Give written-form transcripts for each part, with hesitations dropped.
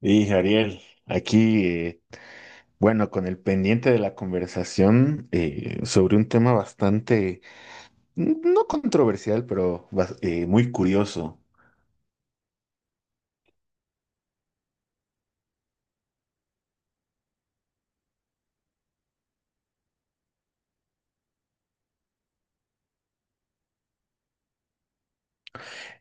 Y Ariel, aquí, bueno, con el pendiente de la conversación sobre un tema bastante, no controversial, pero muy curioso.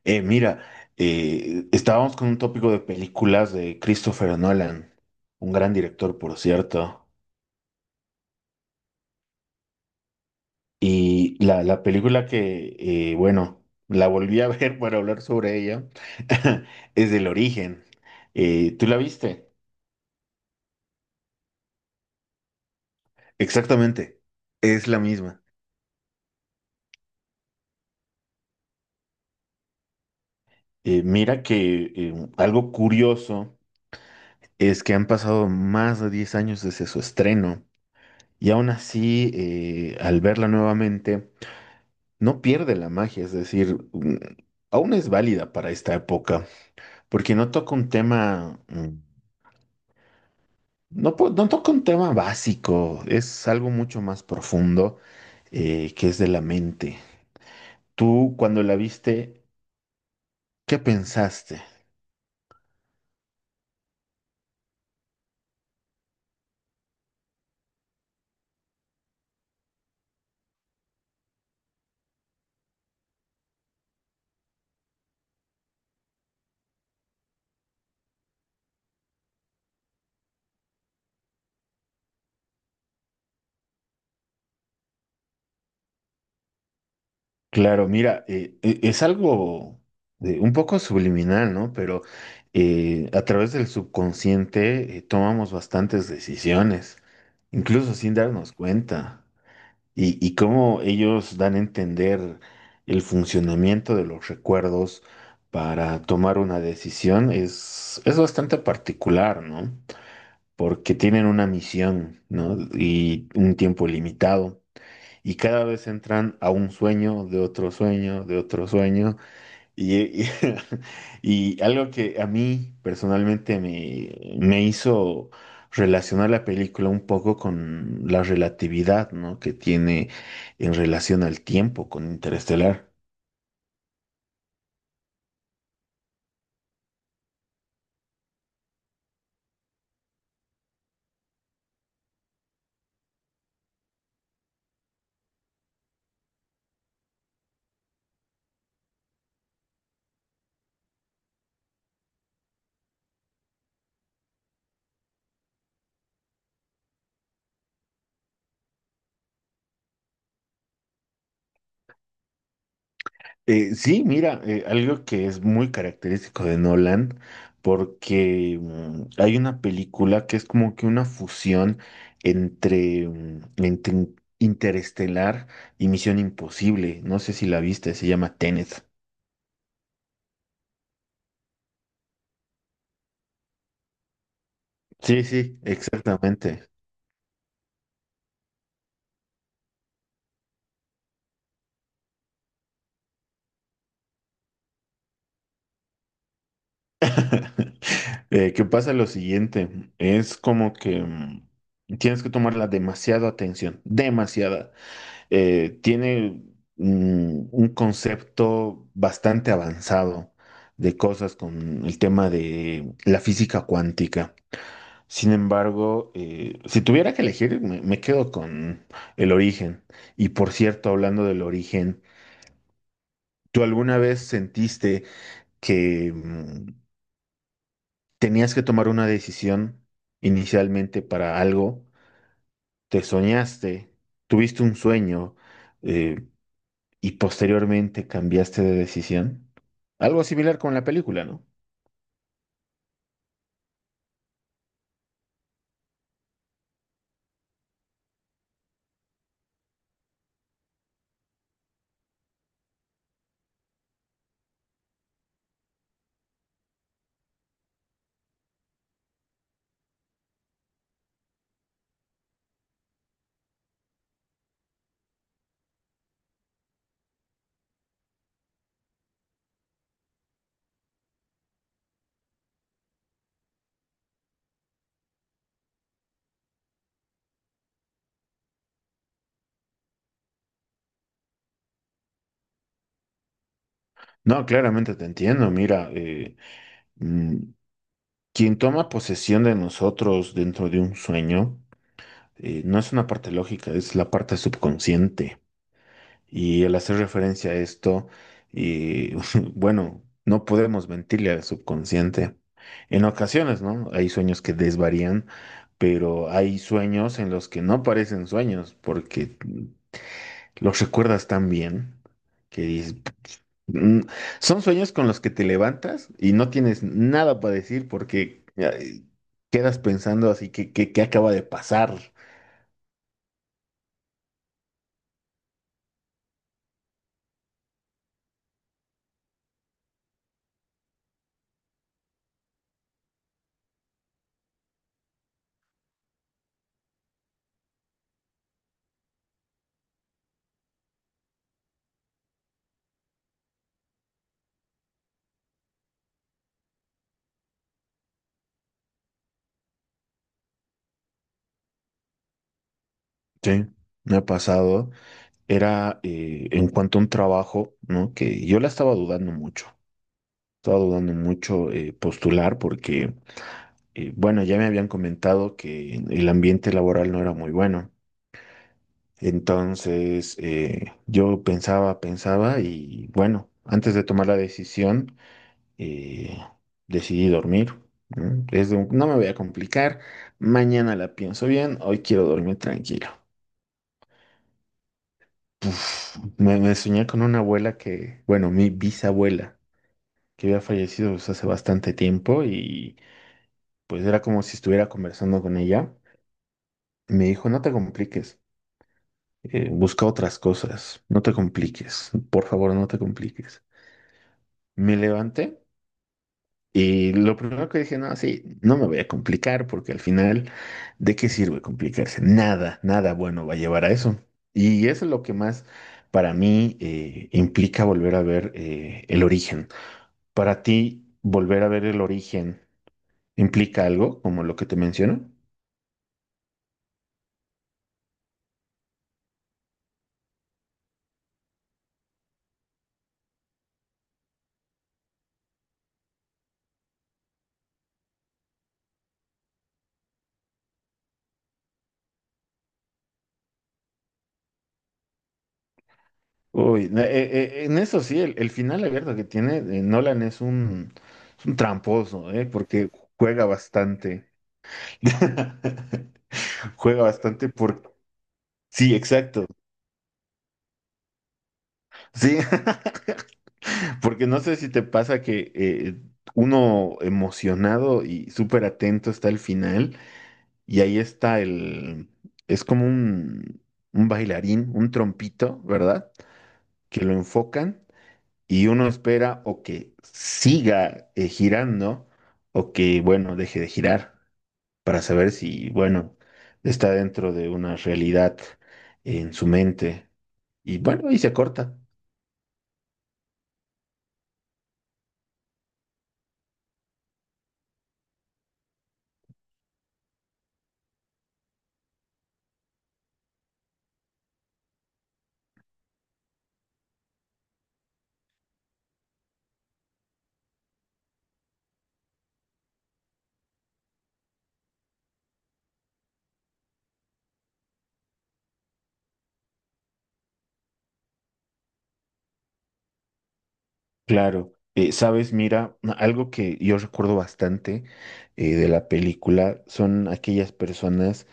Mira, estábamos con un tópico de películas de Christopher Nolan, un gran director, por cierto. Y la película que, bueno, la volví a ver para hablar sobre ella, es El Origen. ¿Tú la viste? Exactamente, es la misma. Mira que algo curioso es que han pasado más de 10 años desde su estreno y aún así al verla nuevamente no pierde la magia, es decir, aún es válida para esta época porque no toca un tema, no, no toca un tema básico, es algo mucho más profundo que es de la mente. Tú cuando la viste, ¿qué pensaste? Claro, mira, es algo de, un poco subliminal, ¿no? Pero a través del subconsciente tomamos bastantes decisiones, incluso sin darnos cuenta. Y cómo ellos dan a entender el funcionamiento de los recuerdos para tomar una decisión es bastante particular, ¿no? Porque tienen una misión, ¿no? Y un tiempo limitado. Y cada vez entran a un sueño, de otro sueño, de otro sueño. Y, y- y algo que a mí personalmente me hizo relacionar la película un poco con la relatividad, ¿no? que tiene en relación al tiempo con Interestelar. Sí, mira, algo que es muy característico de Nolan, porque hay una película que es como que una fusión entre, entre Interestelar y Misión Imposible. No sé si la viste, se llama Tenet. Sí, sí, exactamente. Que pasa lo siguiente, es como que tienes que tomarla demasiado atención, demasiada. Tiene un concepto bastante avanzado de cosas con el tema de la física cuántica. Sin embargo, si tuviera que elegir, me quedo con el origen. Y por cierto, hablando del origen, ¿tú alguna vez sentiste que tenías que tomar una decisión inicialmente para algo? ¿Te soñaste? ¿Tuviste un sueño? Eh, y posteriormente cambiaste de decisión. Algo similar con la película, ¿no? No, claramente te entiendo. Mira, mm, quien toma posesión de nosotros dentro de un sueño, no es una parte lógica, es la parte subconsciente. Y al hacer referencia a esto, y, bueno, no podemos mentirle al subconsciente. En ocasiones, ¿no? Hay sueños que desvarían, pero hay sueños en los que no parecen sueños, porque los recuerdas tan bien que dices, "Mm". Son sueños con los que te levantas y no tienes nada para decir porque ay, quedas pensando así ¿qué acaba de pasar? Sí, me ha pasado. Era en cuanto a un trabajo, ¿no? Que yo la estaba dudando mucho. Estaba dudando mucho postular porque, bueno, ya me habían comentado que el ambiente laboral no era muy bueno. Entonces, yo pensaba, pensaba y bueno, antes de tomar la decisión, eh, decidí dormir. ¿No? Es de no me voy a complicar, mañana la pienso bien, hoy quiero dormir tranquilo. Puf, me soñé con una abuela que, bueno, mi bisabuela, que había fallecido pues, hace bastante tiempo y pues era como si estuviera conversando con ella. Me dijo, no te compliques, busca otras cosas, no te compliques, por favor, no te compliques. Me levanté y lo primero que dije, no, sí, no me voy a complicar porque al final, ¿de qué sirve complicarse? Nada, nada bueno va a llevar a eso. Y eso es lo que más para mí implica volver a ver el origen. Para ti, volver a ver el origen implica algo como lo que te menciono. Uy, en eso sí, el final abierto que tiene Nolan es un tramposo, porque juega bastante. Juega bastante porque sí, exacto. Sí, porque no sé si te pasa que uno emocionado y súper atento está al final y ahí está es como un bailarín, un trompito, ¿verdad? Que lo enfocan y uno espera o que siga girando o que, bueno, deje de girar para saber si, bueno, está dentro de una realidad en su mente y bueno, y se corta. Claro, sabes, mira, algo que yo recuerdo bastante de la película son aquellas personas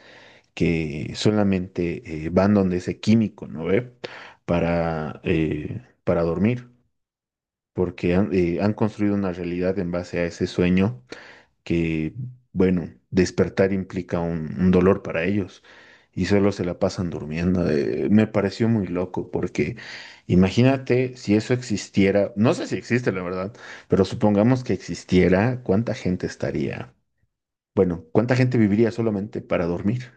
que solamente van donde ese químico, ¿no ve? Para dormir, porque han construido una realidad en base a ese sueño que, bueno, despertar implica un dolor para ellos y solo se la pasan durmiendo. Me pareció muy loco porque imagínate si eso existiera, no sé si existe la verdad, pero supongamos que existiera, ¿cuánta gente estaría? Bueno, ¿cuánta gente viviría solamente para dormir?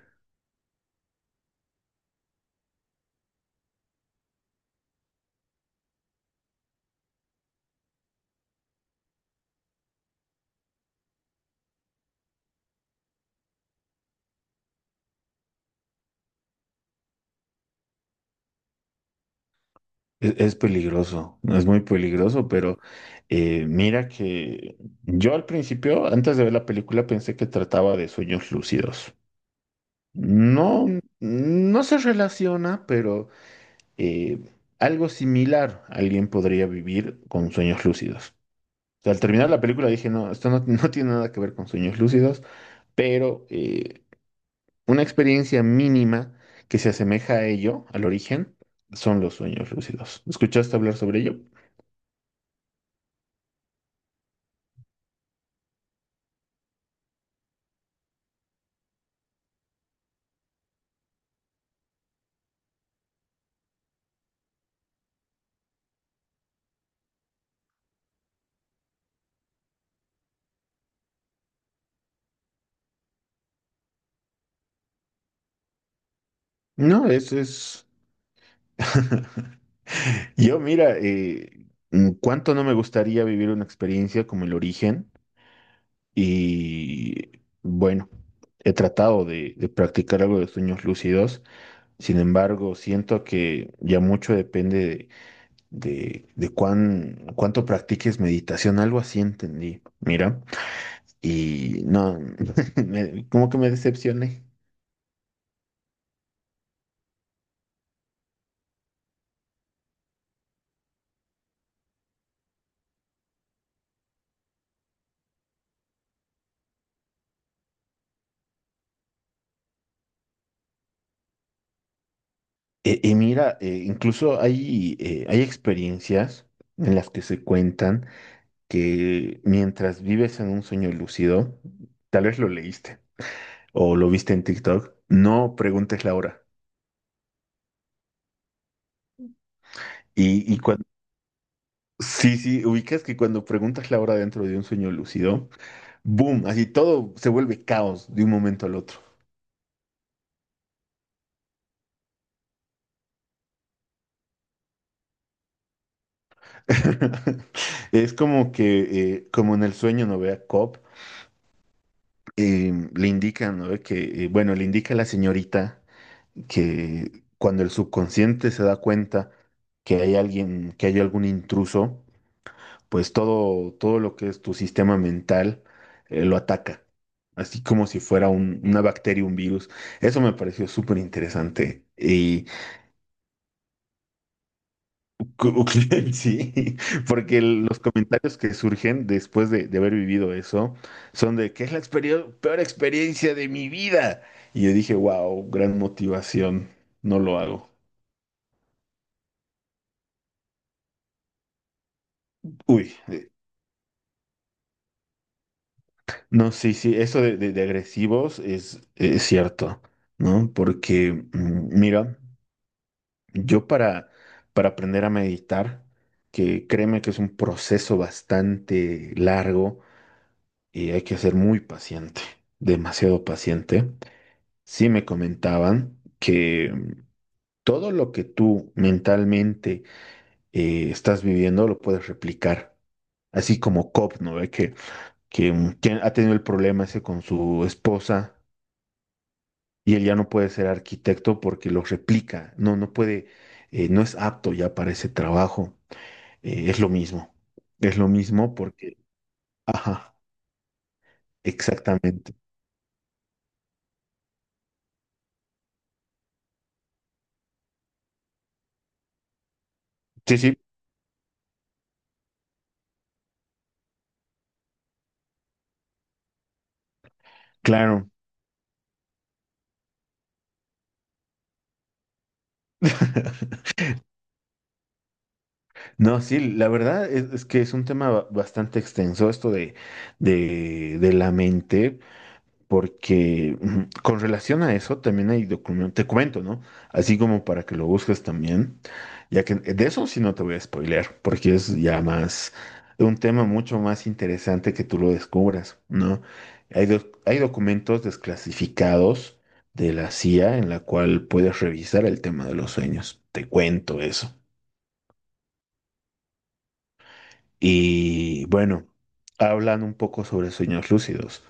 Es peligroso, es muy peligroso, pero mira que yo al principio, antes de ver la película, pensé que trataba de sueños lúcidos. No, no se relaciona, pero eh, algo similar alguien podría vivir con sueños lúcidos. O sea, al terminar la película dije, no, esto no tiene nada que ver con sueños lúcidos, pero una experiencia mínima que se asemeja a ello, al origen, son los sueños lúcidos. ¿Escuchaste hablar sobre ello? No, eso es. Yo, mira, cuánto no me gustaría vivir una experiencia como el origen. Y bueno, he tratado de practicar algo de sueños lúcidos, sin embargo, siento que ya mucho depende de cuánto practiques meditación, algo así entendí, mira, y no, como que me decepcioné. Y, mira, incluso hay experiencias en las que se cuentan que mientras vives en un sueño lúcido, tal vez lo leíste o lo viste en TikTok, no preguntes la hora. Y cuando, sí, sí, ubicas que cuando preguntas la hora dentro de un sueño lúcido, boom, así todo se vuelve caos de un momento al otro. Es como que, como en el sueño, ¿no ve? A Cobb, le indican, ¿no ve? Que, bueno, le indica a la señorita que cuando el subconsciente se da cuenta que hay alguien, que hay algún intruso, pues todo lo que es tu sistema mental lo ataca, así como si fuera una bacteria, un virus. Eso me pareció súper interesante. Y cu- sí, porque los comentarios que surgen después de haber vivido eso son de que es la peor experiencia de mi vida. Y yo dije, wow, gran motivación, no lo hago. Uy, no, sí, sí, eso de agresivos es cierto, ¿no? Porque, mira, yo para aprender a meditar, que créeme que es un proceso bastante largo y hay que ser muy paciente, demasiado paciente, sí me comentaban que todo lo que tú mentalmente estás viviendo lo puedes replicar. Así como Cobb, ¿no? Ve que ha tenido el problema ese con su esposa y él ya no puede ser arquitecto porque lo replica, no puede, no es apto ya para ese trabajo. Es lo mismo. Es lo mismo porque, ajá, exactamente. Sí, sí, claro. No, sí, la verdad es que es un tema bastante extenso esto de la mente. Porque ujú, con relación a eso también hay documentos, te comento, ¿no? Así como para que lo busques también, ya que de eso sí no te voy a spoilear, porque es ya más un tema mucho más interesante que tú lo descubras, ¿no? Hay documentos desclasificados de la CIA en la cual puedes revisar el tema de los sueños. Te cuento eso. Y bueno, hablan un poco sobre sueños lúcidos.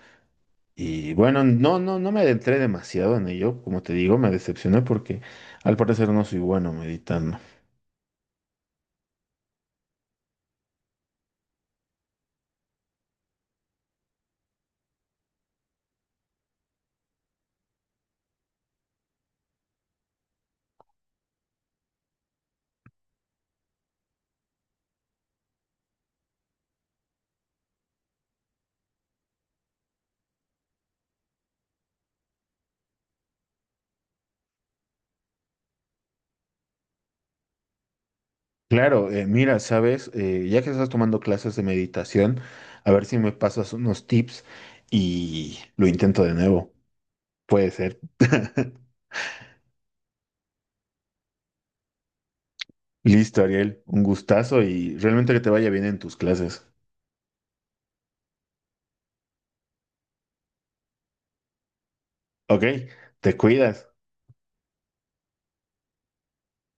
Y bueno, no me adentré demasiado en ello, como te digo, me decepcioné porque al parecer no soy bueno meditando. Claro, mira, sabes, ya que estás tomando clases de meditación, a ver si me pasas unos tips y lo intento de nuevo. Puede ser. Listo, Ariel, un gustazo y realmente que te vaya bien en tus clases. Ok, te cuidas.